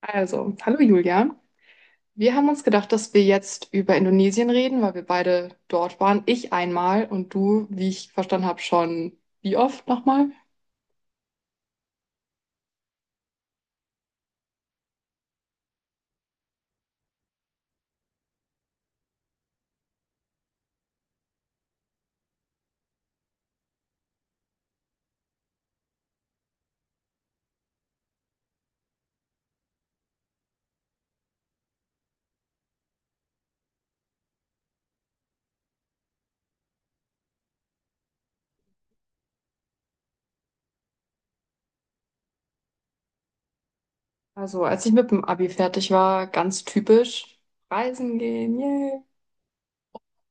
Also, hallo Julia. Wir haben uns gedacht, dass wir jetzt über Indonesien reden, weil wir beide dort waren. Ich einmal und du, wie ich verstanden habe, schon wie oft nochmal? Also, als ich mit dem Abi fertig war, ganz typisch, reisen gehen, yay.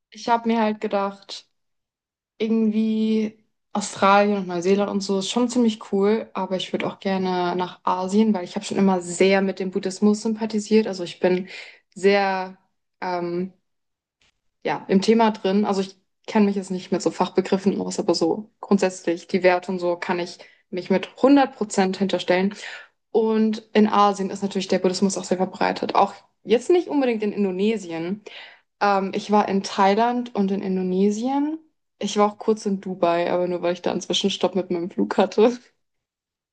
Ich habe mir halt gedacht, irgendwie Australien und Neuseeland und so ist schon ziemlich cool, aber ich würde auch gerne nach Asien, weil ich habe schon immer sehr mit dem Buddhismus sympathisiert. Also, ich bin sehr, ähm, ja, im Thema drin. Also ich kenne mich jetzt nicht mit so Fachbegriffen aus, aber so grundsätzlich die Werte und so kann ich mich mit 100% hinterstellen. Und in Asien ist natürlich der Buddhismus auch sehr verbreitet. Auch jetzt nicht unbedingt in Indonesien. Ich war in Thailand und in Indonesien. Ich war auch kurz in Dubai, aber nur weil ich da einen Zwischenstopp mit meinem Flug hatte.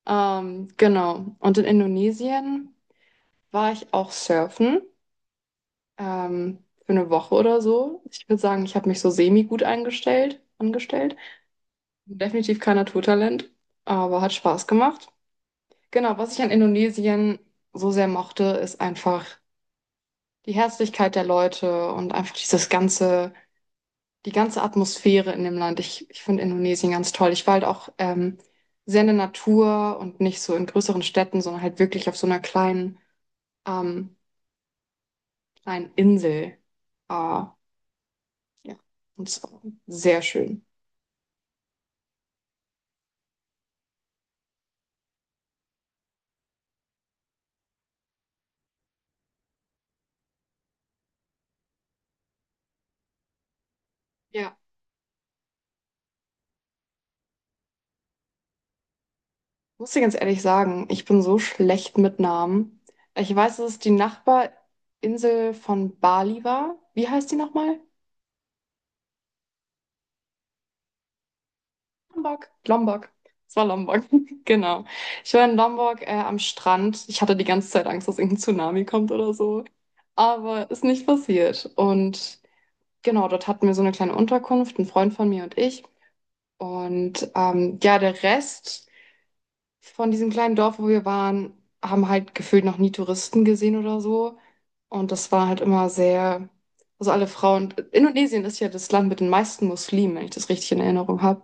Genau. Und in Indonesien war ich auch surfen, für eine Woche oder so. Ich würde sagen, ich habe mich so semi-gut eingestellt, angestellt. Definitiv kein Naturtalent, aber hat Spaß gemacht. Genau, was ich an Indonesien so sehr mochte, ist einfach die Herzlichkeit der Leute und einfach dieses ganze, die ganze Atmosphäre in dem Land. Ich finde Indonesien ganz toll. Ich war halt auch, sehr in der Natur und nicht so in größeren Städten, sondern halt wirklich auf so einer kleinen, ähm, kleinen Insel. Ah, ja, und es war sehr schön. Ja, muss ich ganz ehrlich sagen, ich bin so schlecht mit Namen. Ich weiß, dass es die Nachbarinsel von Bali war. Wie heißt die nochmal? Lombok. Lombok. Es war Lombok, genau. Ich war in Lombok, am Strand. Ich hatte die ganze Zeit Angst, dass irgendein Tsunami kommt oder so. Aber ist nicht passiert. Und genau, dort hatten wir so eine kleine Unterkunft, ein Freund von mir und ich. Und, ja, der Rest. Von diesem kleinen Dorf, wo wir waren, haben halt gefühlt noch nie Touristen gesehen oder so. Und das war halt immer sehr, also alle Frauen. Indonesien ist ja das Land mit den meisten Muslimen, wenn ich das richtig in Erinnerung habe.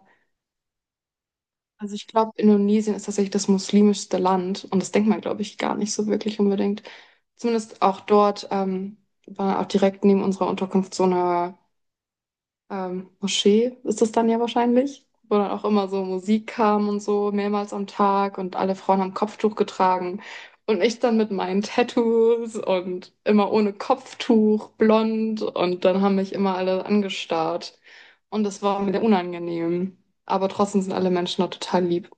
Also ich glaube, Indonesien ist tatsächlich das muslimischste Land und das denkt man, glaube ich, gar nicht so wirklich unbedingt. Zumindest auch dort, war auch direkt neben unserer Unterkunft so eine, Moschee ist es dann ja wahrscheinlich, wo dann auch immer so Musik kam und so mehrmals am Tag und alle Frauen haben Kopftuch getragen und ich dann mit meinen Tattoos und immer ohne Kopftuch, blond und dann haben mich immer alle angestarrt und das war mir unangenehm. Aber trotzdem sind alle Menschen da total lieb.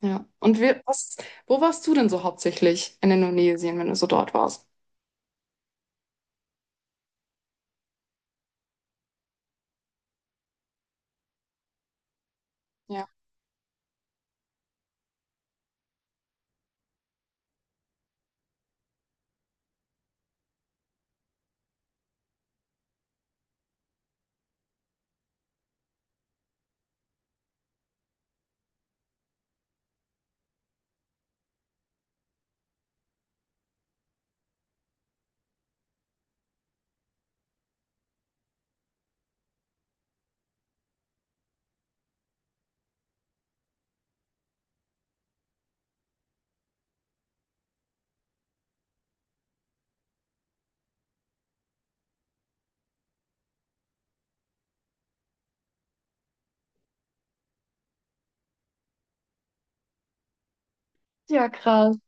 Ja. Und wir, was, wo warst du denn so hauptsächlich in Indonesien, wenn du so dort warst? Ja. Ja, krass.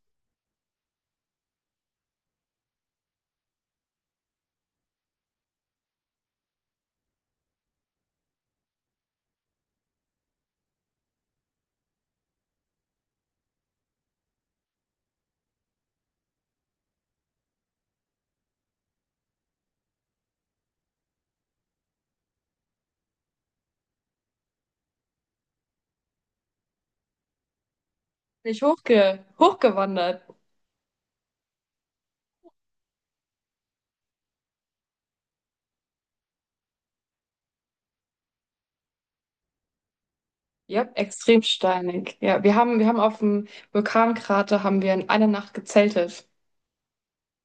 Bin ich hochgewandert. Ja, extrem steinig. Ja, wir haben auf dem Vulkankrater haben wir in einer Nacht gezeltet.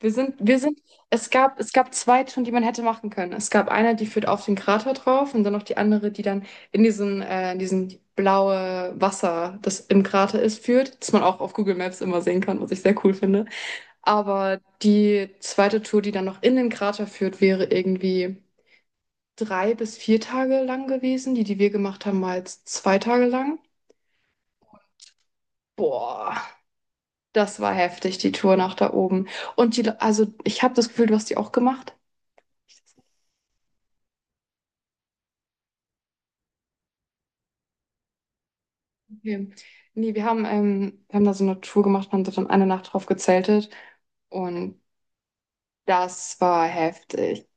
Wir sind, wir sind, es gab 2 Touren, die man hätte machen können. Es gab eine, die führt auf den Krater drauf und dann noch die andere, die dann in diesen blaue Wasser, das im Krater ist, führt, das man auch auf Google Maps immer sehen kann, was ich sehr cool finde. Aber die zweite Tour, die dann noch in den Krater führt, wäre irgendwie 3 bis 4 Tage lang gewesen. Die, die wir gemacht haben, war jetzt 2 Tage lang. Boah. Das war heftig, die Tour nach da oben. Also ich habe das Gefühl, du hast die auch gemacht. Okay. Nee, wir haben da so eine Tour gemacht und haben dort dann eine Nacht drauf gezeltet. Und das war heftig.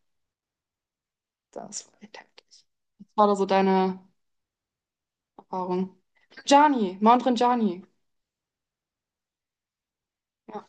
Das war echt heftig. Was war da so deine Erfahrung? Gianni, Mount Rinjani. Ja,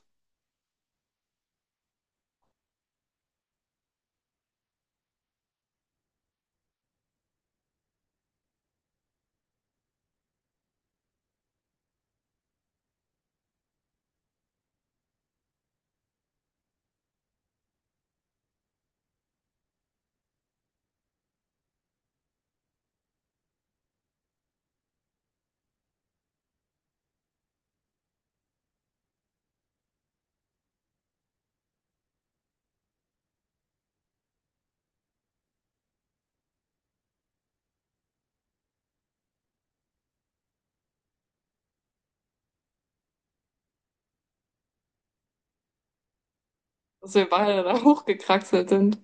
dass wir beide da hochgekraxelt sind.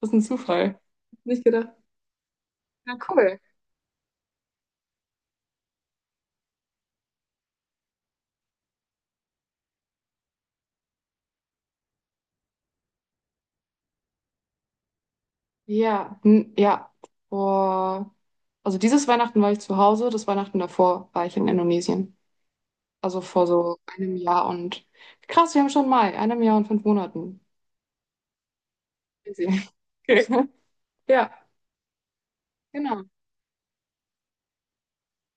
Das ist ein Zufall. Nicht gedacht. Ja, cool. Ja, ja. Vor, also dieses Weihnachten war ich zu Hause, das Weihnachten davor war ich in Indonesien. Also vor so einem Jahr und, krass, wir haben schon Mai, einem Jahr und 5 Monaten. Crazy. Okay. Ja, genau.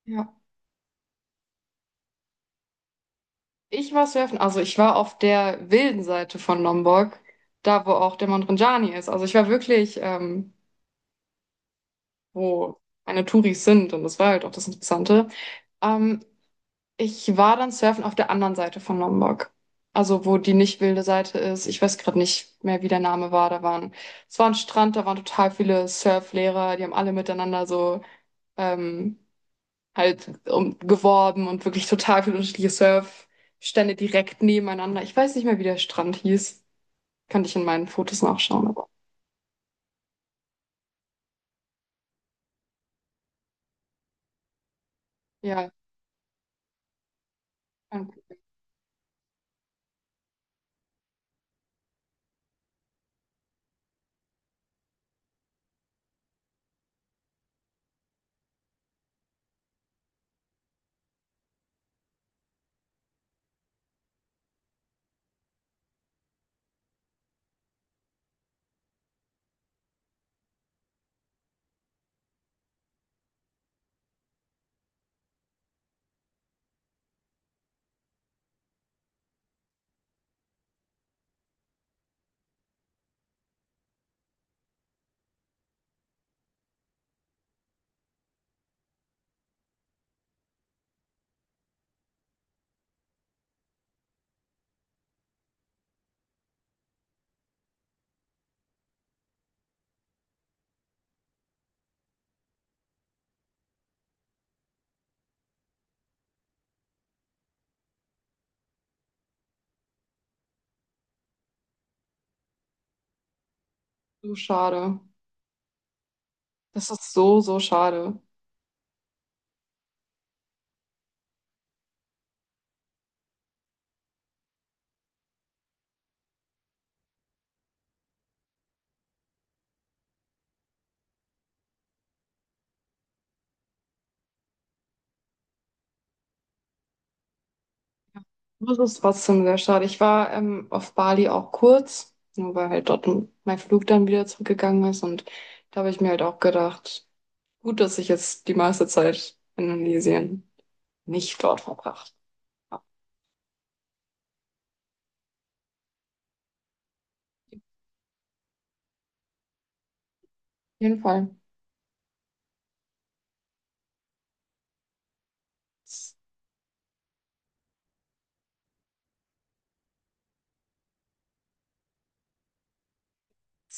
Ja. Ich war surfen, also ich war auf der wilden Seite von Lombok, da wo auch der Mount Ranjani ist. Also ich war wirklich, wo meine Touris sind und das war halt auch das Interessante. Ähm, Ich war dann surfen auf der anderen Seite von Lombok. Also wo die nicht wilde Seite ist. Ich weiß gerade nicht mehr, wie der Name war. Da waren, es war ein Strand, da waren total viele Surflehrer, die haben alle miteinander so, ähm, halt um, geworben und wirklich total viele unterschiedliche Surfstände direkt nebeneinander. Ich weiß nicht mehr, wie der Strand hieß. Kann ich in meinen Fotos nachschauen, aber ja, so schade. Das ist so, so schade. Das ist trotzdem sehr schade. Ich war, auf Bali auch kurz, nur weil halt dort mein Flug dann wieder zurückgegangen ist. Und da habe ich mir halt auch gedacht, gut, dass ich jetzt die meiste Zeit in Indonesien nicht dort verbracht habe. Auf jeden Fall.